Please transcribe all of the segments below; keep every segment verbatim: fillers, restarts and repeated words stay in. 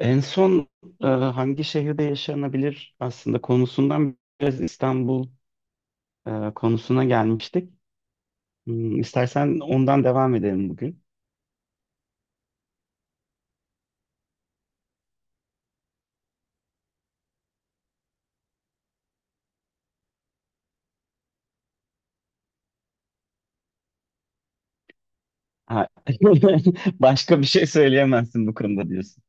En son e, hangi şehirde yaşanabilir aslında konusundan biraz İstanbul e, konusuna gelmiştik. Hmm, İstersen ondan devam edelim bugün. Ha, Başka bir şey söyleyemezsin bu konuda diyorsun.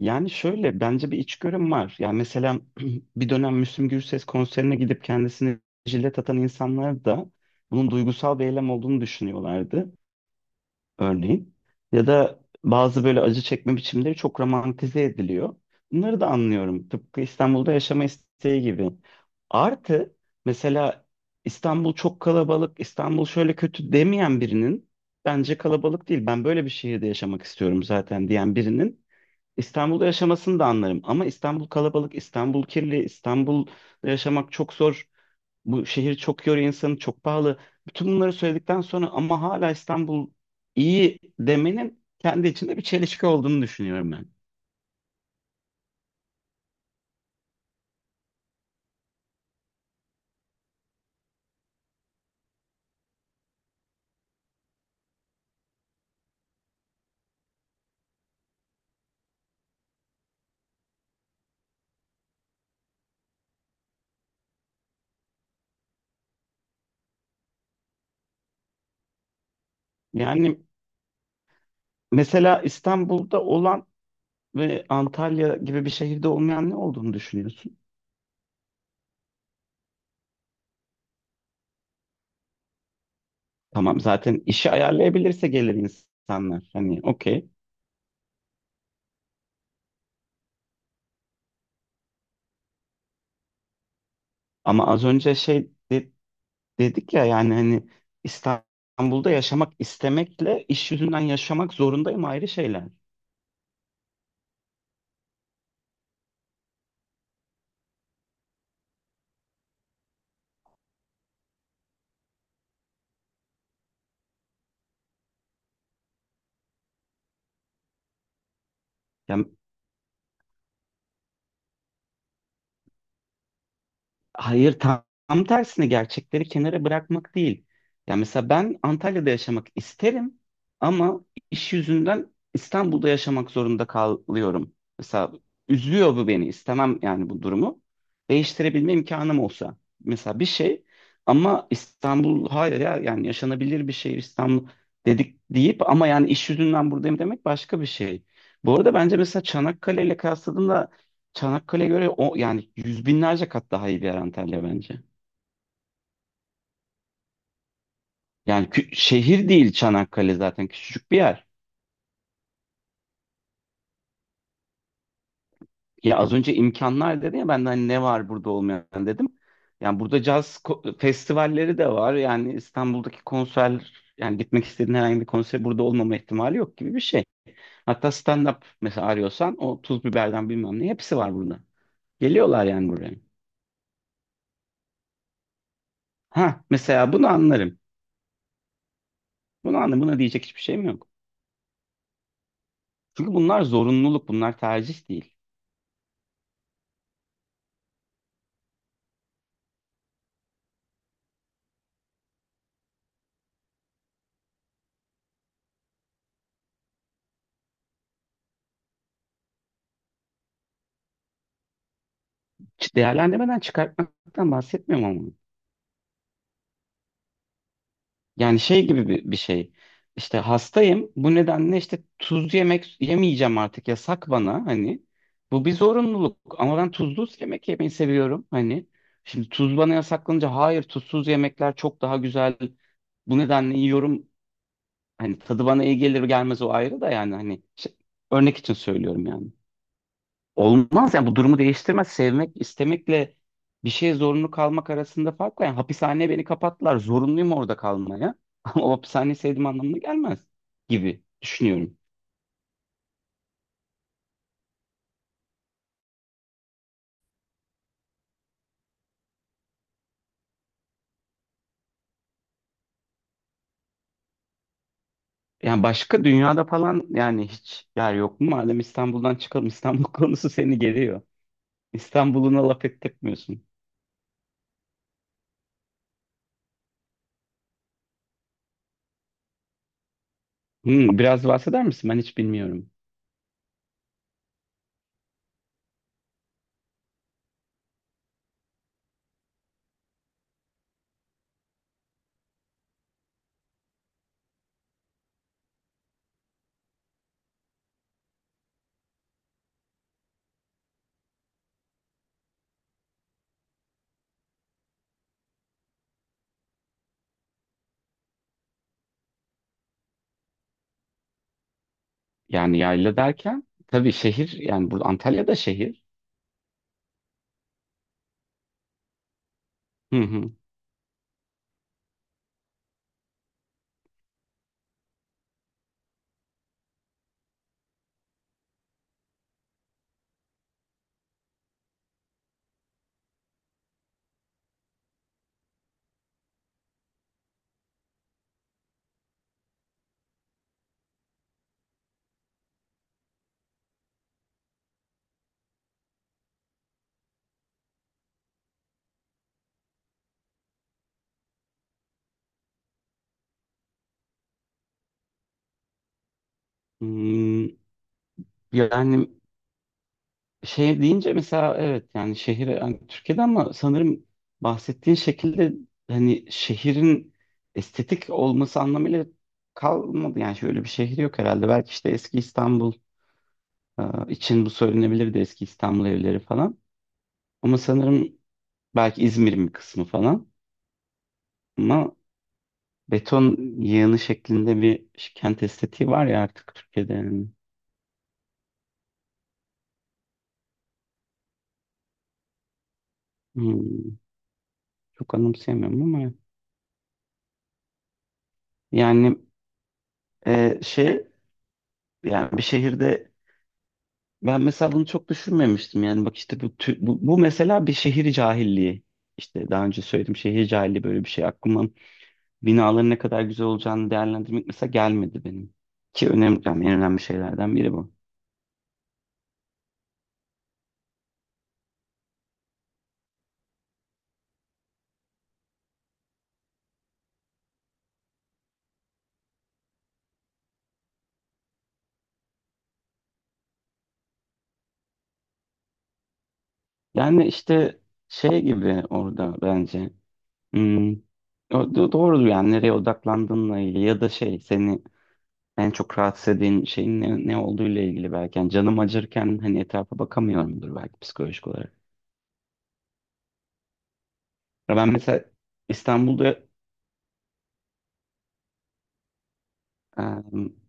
Yani şöyle bence bir içgörüm var. Yani mesela bir dönem Müslüm Gürses konserine gidip kendisini jilet atan insanlar da bunun duygusal bir eylem olduğunu düşünüyorlardı. Örneğin. Ya da bazı böyle acı çekme biçimleri çok romantize ediliyor. Bunları da anlıyorum. Tıpkı İstanbul'da yaşama isteği gibi. Artı mesela İstanbul çok kalabalık, İstanbul şöyle kötü demeyen birinin bence kalabalık değil. Ben böyle bir şehirde yaşamak istiyorum zaten diyen birinin İstanbul'da yaşamasını da anlarım. Ama İstanbul kalabalık, İstanbul kirli, İstanbul'da yaşamak çok zor, bu şehir çok yoruyor insanı, çok pahalı. Bütün bunları söyledikten sonra ama hala İstanbul iyi demenin kendi içinde bir çelişki olduğunu düşünüyorum ben. Yani mesela İstanbul'da olan ve Antalya gibi bir şehirde olmayan ne olduğunu düşünüyorsun? Tamam, zaten işi ayarlayabilirse gelir insanlar. Hani okey. Ama az önce şey de- dedik ya, yani hani İstanbul'da yaşamak istemekle iş yüzünden yaşamak zorundayım ayrı şeyler. Yani hayır, tam, tam tersine gerçekleri kenara bırakmak değil. Ya mesela ben Antalya'da yaşamak isterim ama iş yüzünden İstanbul'da yaşamak zorunda kalıyorum. Mesela üzüyor bu beni. İstemem yani bu durumu. Değiştirebilme imkanım olsa. Mesela bir şey, ama İstanbul hayır ya, yani yaşanabilir bir şehir İstanbul dedik deyip ama yani iş yüzünden buradayım demek başka bir şey. Bu arada bence mesela Çanakkale ile, Çanakkale'ye göre o yani yüz binlerce kat daha iyi bir yer Antalya bence. Yani kü- şehir değil Çanakkale, zaten küçücük bir yer. Ya az önce imkanlar dedi ya, ben de hani ne var burada olmayan dedim. Yani burada caz ko- festivalleri de var. Yani İstanbul'daki konser, yani gitmek istediğin herhangi bir konser burada olmama ihtimali yok gibi bir şey. Hatta stand-up mesela arıyorsan, o tuz biberden bilmem ne, hepsi var burada. Geliyorlar yani buraya. Ha, mesela bunu anlarım. Bunu anlarım. Buna diyecek hiçbir şeyim yok. Çünkü bunlar zorunluluk, bunlar tercih değil. Ç- Değerlendirmeden çıkartmaktan bahsetmiyorum ama. Yani şey gibi bir, bir şey. İşte hastayım. Bu nedenle işte tuz yemek yemeyeceğim artık. Yasak bana hani. Bu bir zorunluluk. Ama ben tuzlu yemek yemeyi seviyorum hani. Şimdi tuz bana yasaklanınca hayır, tuzsuz yemekler çok daha güzel. Bu nedenle yiyorum. Hani tadı bana iyi gelir gelmez o ayrı da, yani hani şey- örnek için söylüyorum yani. Olmaz yani, bu durumu değiştirmez. Sevmek, istemekle bir şeye zorunlu kalmak arasında fark var. Yani hapishaneye beni kapattılar. Zorunluyum orada kalmaya. Ama o hapishaneyi sevdiğim anlamına gelmez gibi düşünüyorum. Yani başka dünyada falan, yani hiç yer yok mu? Madem İstanbul'dan çıkalım. İstanbul konusu seni geliyor. İstanbul'una laf ettirmiyorsun. Hmm, biraz bahseder misin? Ben hiç bilmiyorum. Yani yayla derken tabii şehir, yani burada Antalya'da şehir. Hı hı. Hmm, yani şey deyince mesela, evet yani şehir yani Türkiye'de, ama sanırım bahsettiğin şekilde hani şehrin estetik olması anlamıyla kalmadı. Yani şöyle bir şehir yok herhalde. Belki işte eski İstanbul e, için bu söylenebilirdi, eski İstanbul evleri falan. Ama sanırım belki İzmir'in bir kısmı falan. Ama beton yığını şeklinde bir kent estetiği var ya artık Türkiye'de yani. Hmm, çok anımsayamıyorum ama yani e, şey yani bir şehirde. Ben mesela bunu çok düşünmemiştim. Yani bak işte bu, tü- bu, bu mesela bir şehir cahilliği. İşte daha önce söyledim, şehir cahilliği böyle bir şey. Aklıma binaların ne kadar güzel olacağını değerlendirmek mesela gelmedi benim. Ki önemli, yani en önemli şeylerden biri bu. Yani işte şey gibi orada bence. Hmm, o da doğru yani, nereye odaklandığınla ilgili ya da şey, seni en çok rahatsız eden şeyin ne, ne olduğuyla ilgili belki. Yani canım acırken hani etrafa bakamıyorumdur belki psikolojik olarak. Ya ben mesela İstanbul'da Ee,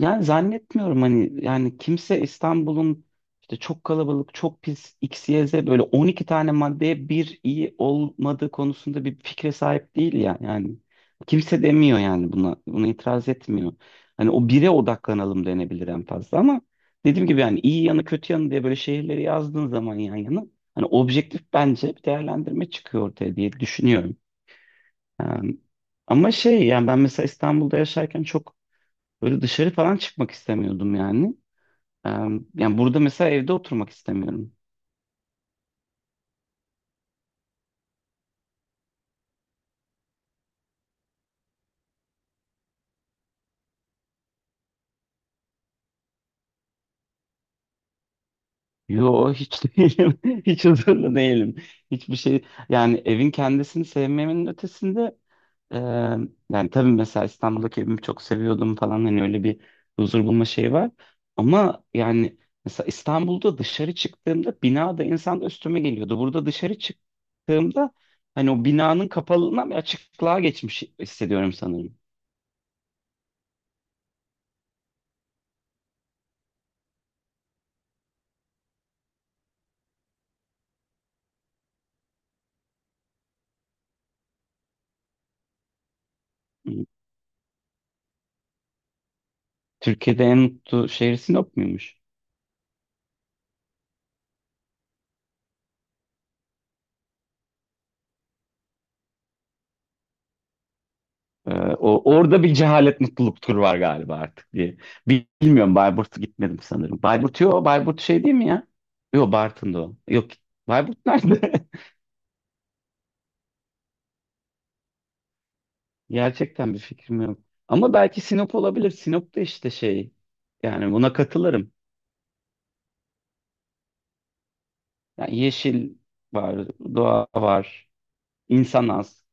yani zannetmiyorum hani, yani kimse İstanbul'un işte çok kalabalık, çok pis X, Y, Z, böyle on iki tane maddeye bir iyi olmadığı konusunda bir fikre sahip değil ya yani. Kimse demiyor yani buna, buna itiraz etmiyor. Hani o bire odaklanalım denebilir en fazla, ama dediğim gibi yani iyi yanı kötü yanı diye böyle şehirleri yazdığın zaman yan yana, hani objektif bence bir değerlendirme çıkıyor ortaya diye düşünüyorum. Ee, Ama şey yani, ben mesela İstanbul'da yaşarken çok böyle dışarı falan çıkmak istemiyordum yani. Ee, Yani burada mesela evde oturmak istemiyorum. Yo, hiç değilim. Hiç huzurlu değilim. Hiçbir şey, yani evin kendisini sevmemin ötesinde, e, yani tabii mesela İstanbul'daki evimi çok seviyordum falan, hani öyle bir huzur bulma şeyi var. Ama yani mesela İstanbul'da dışarı çıktığımda binada insan da üstüme geliyordu. Burada dışarı çıktığımda hani o binanın kapalılığından bir açıklığa geçmiş hissediyorum sanırım. Türkiye'de en mutlu şehir Sinop muymuş? Ee, o, orada bir cehalet mutluluk turu var galiba artık diye. Bil- Bilmiyorum, Bayburt'a gitmedim sanırım. Bayburt yok. Bayburt şey değil mi ya? Yok, Bartın'da o. Yok. Bayburt nerede? Gerçekten bir fikrim yok. Ama belki Sinop olabilir. Sinop'ta işte şey. Yani buna katılırım. Yani yeşil var, doğa var, insan az.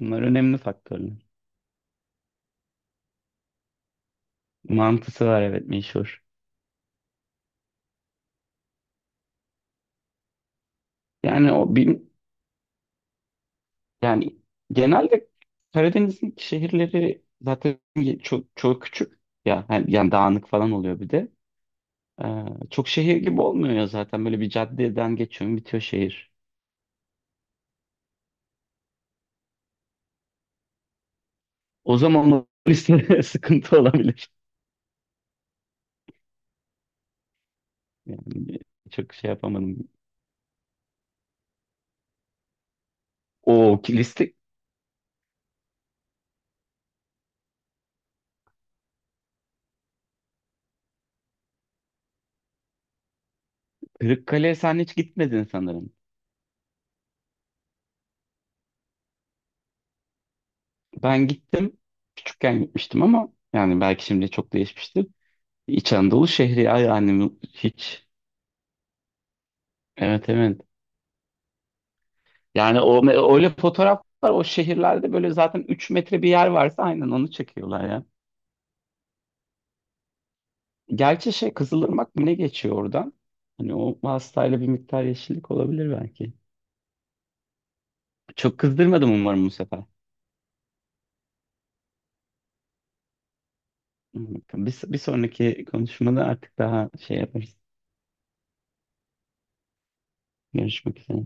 Bunlar önemli faktörler. Mantısı var, evet, meşhur. Yani o bir, yani genelde Karadeniz'in şehirleri zaten çok çok küçük ya yani, yani dağınık falan oluyor bir de. Ee, Çok şehir gibi olmuyor ya, zaten böyle bir caddeden geçiyorum, bitiyor şehir. O zaman o liste sıkıntı olabilir. Yani çok şey yapamadım. O liste. Kırıkkale'ye sen hiç gitmedin sanırım. Ben gittim. Küçükken gitmiştim ama yani belki şimdi çok değişmiştir. İç Anadolu şehri, ay annem hiç. Evet, evet. Yani o öyle fotoğraflar, o şehirlerde böyle zaten üç metre bir yer varsa aynen onu çekiyorlar ya. Gerçi şey, Kızılırmak mı ne geçiyor oradan? Hani o hastayla bir miktar yeşillik olabilir belki. Çok kızdırmadım umarım bu sefer. Bir, bir sonraki konuşmada artık daha şey yaparız. Görüşmek üzere.